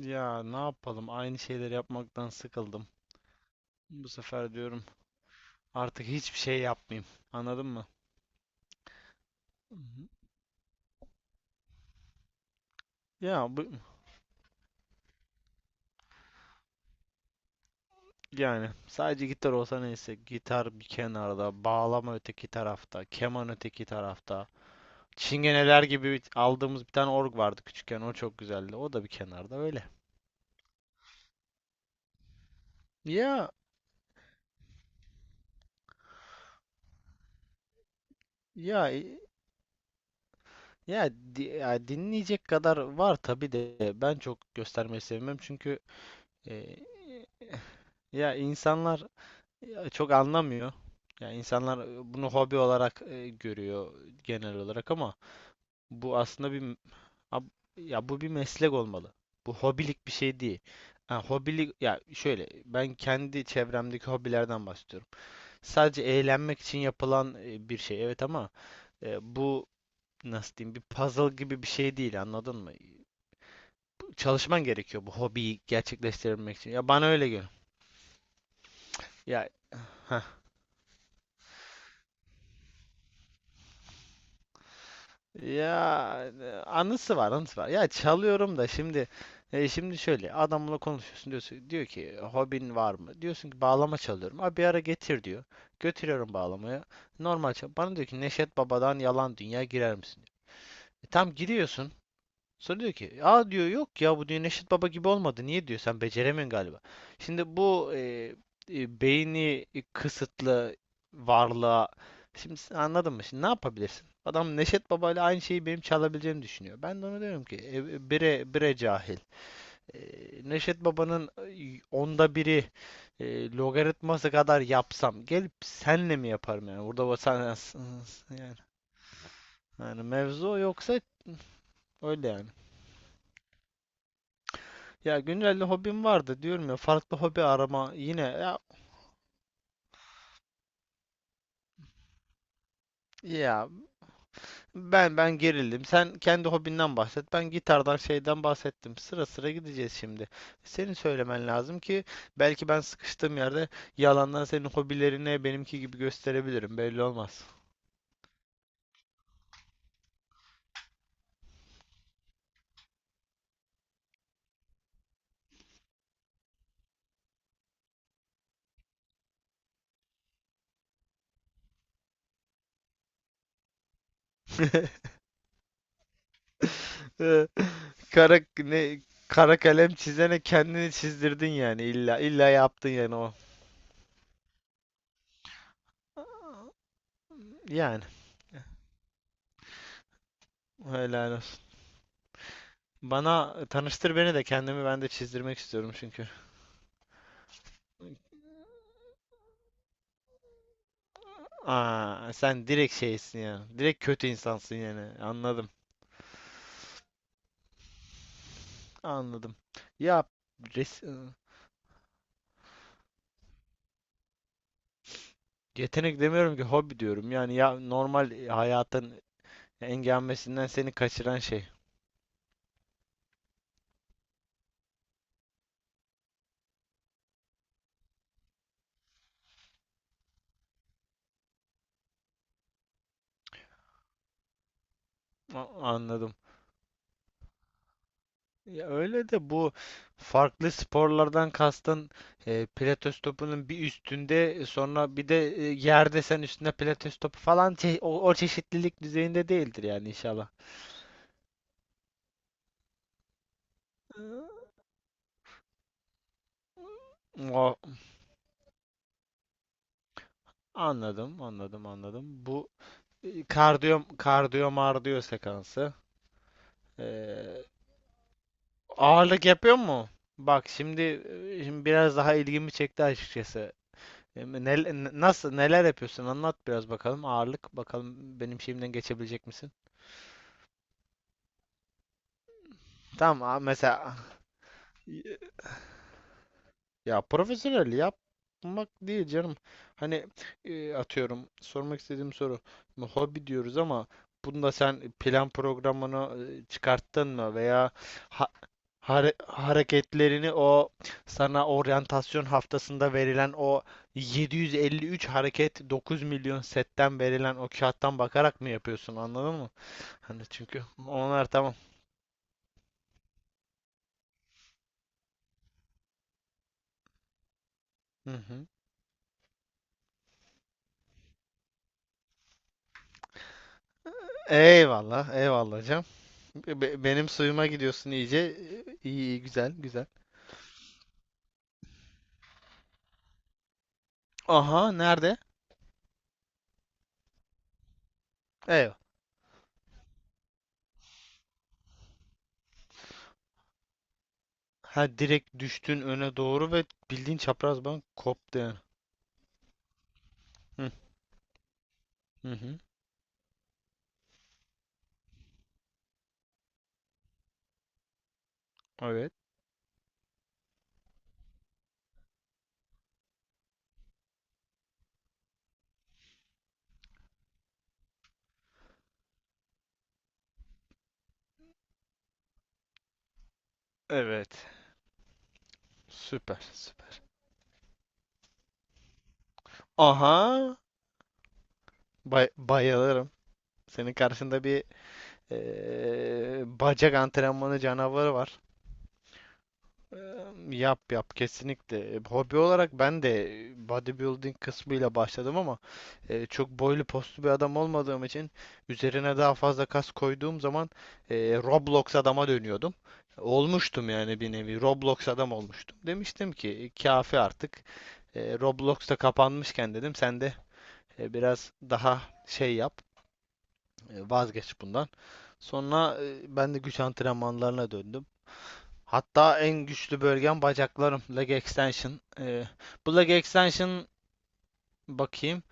Ya, ne yapalım? Aynı şeyleri yapmaktan sıkıldım. Bu sefer diyorum artık hiçbir şey yapmayayım. Anladın mı? Hı hı. Ya bu, yani sadece gitar olsa neyse. Gitar bir kenarda, bağlama öteki tarafta, keman öteki tarafta. Çingeneler gibi aldığımız bir tane org vardı küçükken. O çok güzeldi. O da bir kenarda öyle. Ya ya e, ya, ya dinleyecek kadar var tabii de ben çok göstermeyi sevmem çünkü e, ya insanlar ya çok anlamıyor. Yani insanlar bunu hobi olarak görüyor genel olarak ama bu aslında bir ab- ya bu bir meslek olmalı. Bu hobilik bir şey değil. Ha, hobilik ya şöyle, ben kendi çevremdeki hobilerden bahsediyorum. Sadece eğlenmek için yapılan bir şey, evet, ama bu nasıl diyeyim, bir puzzle gibi bir şey değil, anladın mı? Çalışman gerekiyor bu hobiyi gerçekleştirebilmek için. Ya bana öyle geliyor. Ya Ya anısı var, anısı var. Ya çalıyorum da şimdi şöyle adamla konuşuyorsun, diyorsun diyor ki hobin var mı? Diyorsun ki bağlama çalıyorum. Abi bir ara getir diyor. Götürüyorum bağlamayı. Normal çal. Bana diyor ki Neşet Baba'dan Yalan Dünya girer misin? Tam giriyorsun. Sonra diyor ki aa, diyor, yok ya bu, diyor, Neşet Baba gibi olmadı. Niye, diyor, sen beceremiyorsun galiba. Şimdi bu beyni kısıtlı varlığa şimdi sen anladın mı? Şimdi ne yapabilirsin? Adam Neşet Baba ile aynı şeyi benim çalabileceğimi düşünüyor. Ben de ona diyorum ki bire bire cahil. E, Neşet Baba'nın onda biri logaritması kadar yapsam, gelip senle mi yaparım yani? Burada sen, yani, yani mevzu yoksa, öyle yani. Ya güncelde hobim vardı diyorum ya, farklı hobi arama yine ya, ya ben gerildim. Sen kendi hobinden bahset. Ben gitardan şeyden bahsettim. Sıra sıra gideceğiz şimdi. Senin söylemen lazım ki belki ben sıkıştığım yerde yalandan senin hobilerini benimki gibi gösterebilirim. Belli olmaz. Kara ne kara kalem çizene kendini çizdirdin, yani illa illa yaptın yani o. Yani helal olsun. Bana tanıştır, beni de kendimi ben de çizdirmek istiyorum çünkü. Aa, sen direkt şeysin ya. Direkt kötü insansın yani. Anladım. Anladım. Ya res yetenek demiyorum ki, hobi diyorum. Yani ya normal hayatın engelmesinden seni kaçıran şey. Anladım. Ya öyle de bu farklı sporlardan kastın pilates topunun bir üstünde, sonra bir de yerde sen üstünde pilates topu falan, o çeşitlilik düzeyinde değildir yani inşallah. Ee, O, anladım, anladım, anladım. Bu kardiyo mardiyo sekansı. Ee, ağırlık yapıyor mu? Bak şimdi, şimdi biraz daha ilgimi çekti açıkçası. E, nel- nasıl neler yapıyorsun? Anlat biraz bakalım. Ağırlık bakalım, benim şeyimden geçebilecek misin? Tamam, mesela, ya profesyonel yapmak değil canım. Hani atıyorum, sormak istediğim soru. Şimdi hobi diyoruz ama bunda sen plan programını çıkarttın mı veya ha- hare- hareketlerini, o sana oryantasyon haftasında verilen o 753 hareket 9 milyon setten verilen o kağıttan bakarak mı yapıyorsun, anladın mı? Hani çünkü onlar, tamam. Hı hı. Eyvallah, eyvallah canım. Benim suyuma gidiyorsun iyice. İyi, iyi, güzel, güzel. Aha, nerede? Eyvah. Ha, direkt düştün öne doğru ve bildiğin çapraz bank koptu yani. Hı hı. Hı. Evet. Evet. Süper, süper. Aha. Bayılırım. Senin karşında bir bacak antrenmanı canavarı var. Yap yap kesinlikle. Hobi olarak ben de bodybuilding kısmıyla başladım ama çok boylu postlu bir adam olmadığım için, üzerine daha fazla kas koyduğum zaman Roblox adama dönüyordum. Olmuştum yani, bir nevi Roblox adam olmuştum. Demiştim ki kafi artık. Roblox da kapanmışken dedim sen de biraz daha şey yap. Vazgeç bundan. Sonra ben de güç antrenmanlarına döndüm. Hatta en güçlü bölgem bacaklarım. Leg extension. Bu leg extension, bakayım.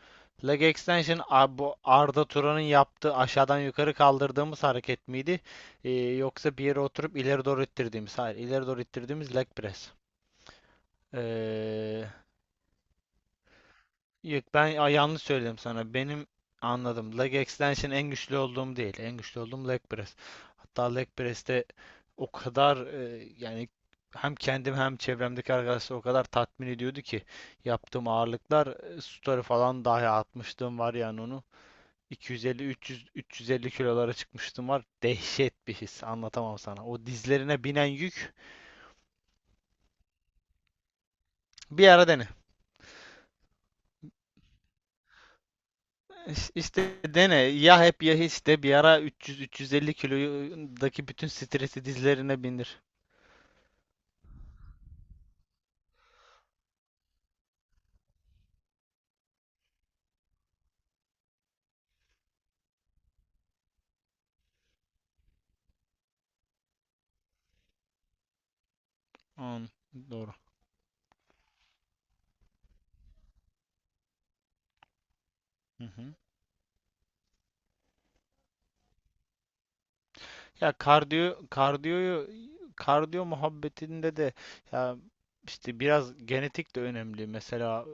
Leg extension bu Arda Turan'ın yaptığı aşağıdan yukarı kaldırdığımız hareket miydi? Yoksa bir yere oturup ileri doğru ittirdiğimiz. Hayır, ileri doğru ittirdiğimiz leg press. E, Yok ben yanlış söyledim sana. Anladım. Leg extension en güçlü olduğum değil. En güçlü olduğum leg press. Hatta leg press'te o kadar, yani hem kendim hem çevremdeki arkadaşlar o kadar tatmin ediyordu ki yaptığım ağırlıklar, story falan dahi atmıştım var yani onu. 250 300 350 kilolara çıkmıştım var. Dehşet bir his. Anlatamam sana. O dizlerine binen yük, bir ara dene. İşte dene, ya hep ya hiç, de bir ara 300-350 kilodaki bütün stresi dizlerine bindir. An- doğru. Hı hı. Ya kardiyo kardiyoyu kardiyo muhabbetinde de, ya işte biraz genetik de önemli. Mesela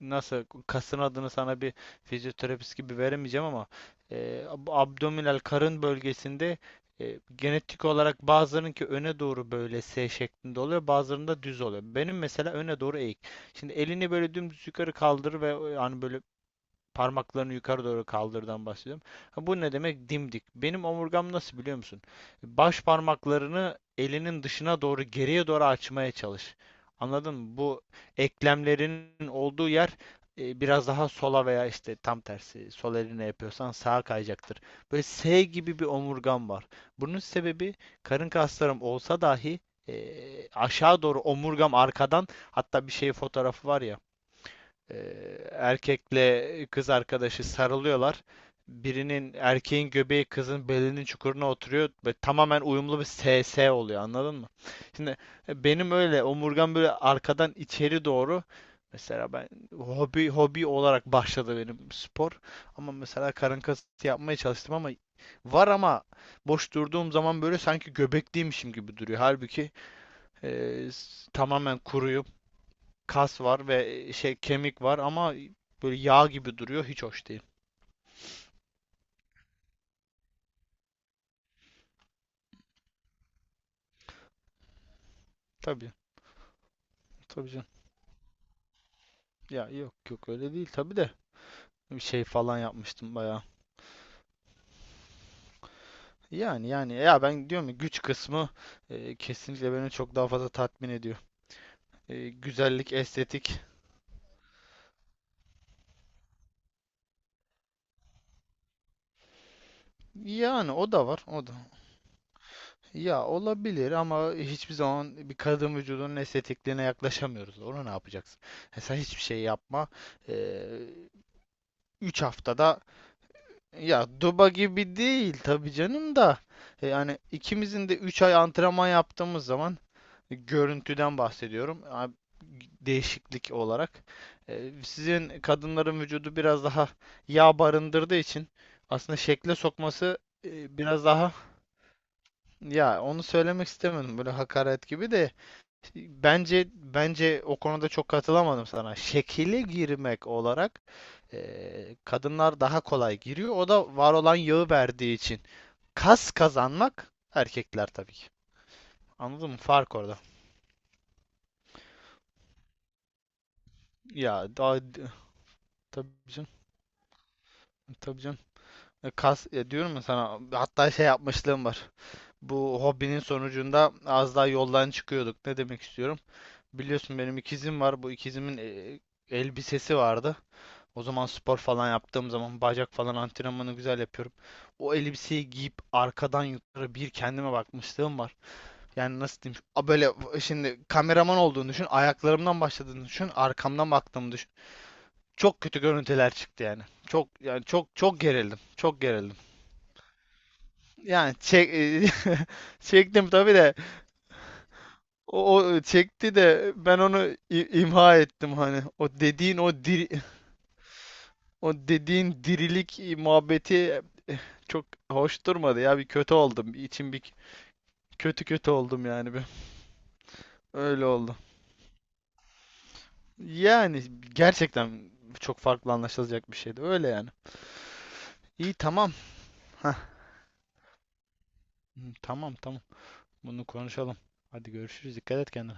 nasıl, kasın adını sana bir fizyoterapist gibi veremeyeceğim ama e, abdominal karın bölgesinde, genetik olarak bazılarınınki öne doğru böyle S şeklinde oluyor, bazılarında düz oluyor. Benim mesela öne doğru eğik. Şimdi elini böyle dümdüz yukarı kaldır ve, yani böyle parmaklarını yukarı doğru kaldırdan bahsediyorum. Ha, bu ne demek? Dimdik. Benim omurgam nasıl biliyor musun? Baş parmaklarını elinin dışına doğru geriye doğru açmaya çalış. Anladın mı? Bu eklemlerinin olduğu yer biraz daha sola veya işte tam tersi, sol eline yapıyorsan sağa kayacaktır. Böyle S gibi bir omurgam var. Bunun sebebi, karın kaslarım olsa dahi e, aşağı doğru omurgam arkadan, hatta bir şey, fotoğrafı var ya, e, erkekle kız arkadaşı sarılıyorlar. Birinin, erkeğin göbeği kızın belinin çukuruna oturuyor ve tamamen uyumlu bir SS oluyor, anladın mı? Şimdi benim öyle omurgam böyle arkadan içeri doğru, mesela ben hobi olarak başladı benim spor, ama mesela karın kası yapmaya çalıştım, ama var, ama boş durduğum zaman böyle sanki göbekliymişim gibi duruyor. Halbuki tamamen kuruyum, kas var ve şey, kemik var ama böyle yağ gibi duruyor. Hiç hoş değil. Tabii. Tabii canım. Ya yok yok öyle değil tabii de, bir şey falan yapmıştım bayağı. Yani, ya ben diyorum ya, güç kısmı kesinlikle beni çok daha fazla tatmin ediyor. Güzellik, estetik, yani o da var o da. Ya olabilir ama hiçbir zaman bir kadın vücudunun estetikliğine yaklaşamıyoruz. Ona ne yapacaksın? Sen hiçbir şey yapma. E, üç 3 haftada. Ya, Duba gibi değil tabii canım da. Yani ikimizin de 3 ay antrenman yaptığımız zaman, görüntüden bahsediyorum. Değişiklik olarak. Sizin kadınların vücudu biraz daha yağ barındırdığı için aslında şekle sokması biraz daha, ya onu söylemek istemedim böyle hakaret gibi de. Bence o konuda çok katılamadım sana. Şekile girmek olarak kadınlar daha kolay giriyor. O da var olan yağı verdiği için. Kas kazanmak, erkekler tabii ki. Anladın mı? Fark orada. Ya daha, tabii canım, tabii canım. Kas, diyorum ya sana, hatta şey yapmışlığım var. Bu hobinin sonucunda az daha yoldan çıkıyorduk. Ne demek istiyorum? Biliyorsun benim ikizim var. Bu ikizimin elbisesi vardı. O zaman spor falan yaptığım zaman, bacak falan antrenmanı güzel yapıyorum. O elbiseyi giyip arkadan yukarı bir kendime bakmışlığım var. Yani nasıl diyeyim? A, böyle şimdi kameraman olduğunu düşün, ayaklarımdan başladığını düşün, arkamdan baktığımı düşün. Çok kötü görüntüler çıktı yani. Çok, yani çok çok gerildim. Çok gerildim. Yani çek. Çektim tabii de o çekti de ben onu imha ettim hani. O dediğin o diri, o dediğin dirilik muhabbeti çok hoş durmadı ya. Bir kötü oldum. Bir içim bir kötü kötü oldum yani, bir. Öyle oldu. Yani gerçekten çok farklı anlaşılacak bir şeydi. Öyle yani. İyi, tamam. Hah. Tamam, tamam. Bunu konuşalım. Hadi görüşürüz. Dikkat et kendine.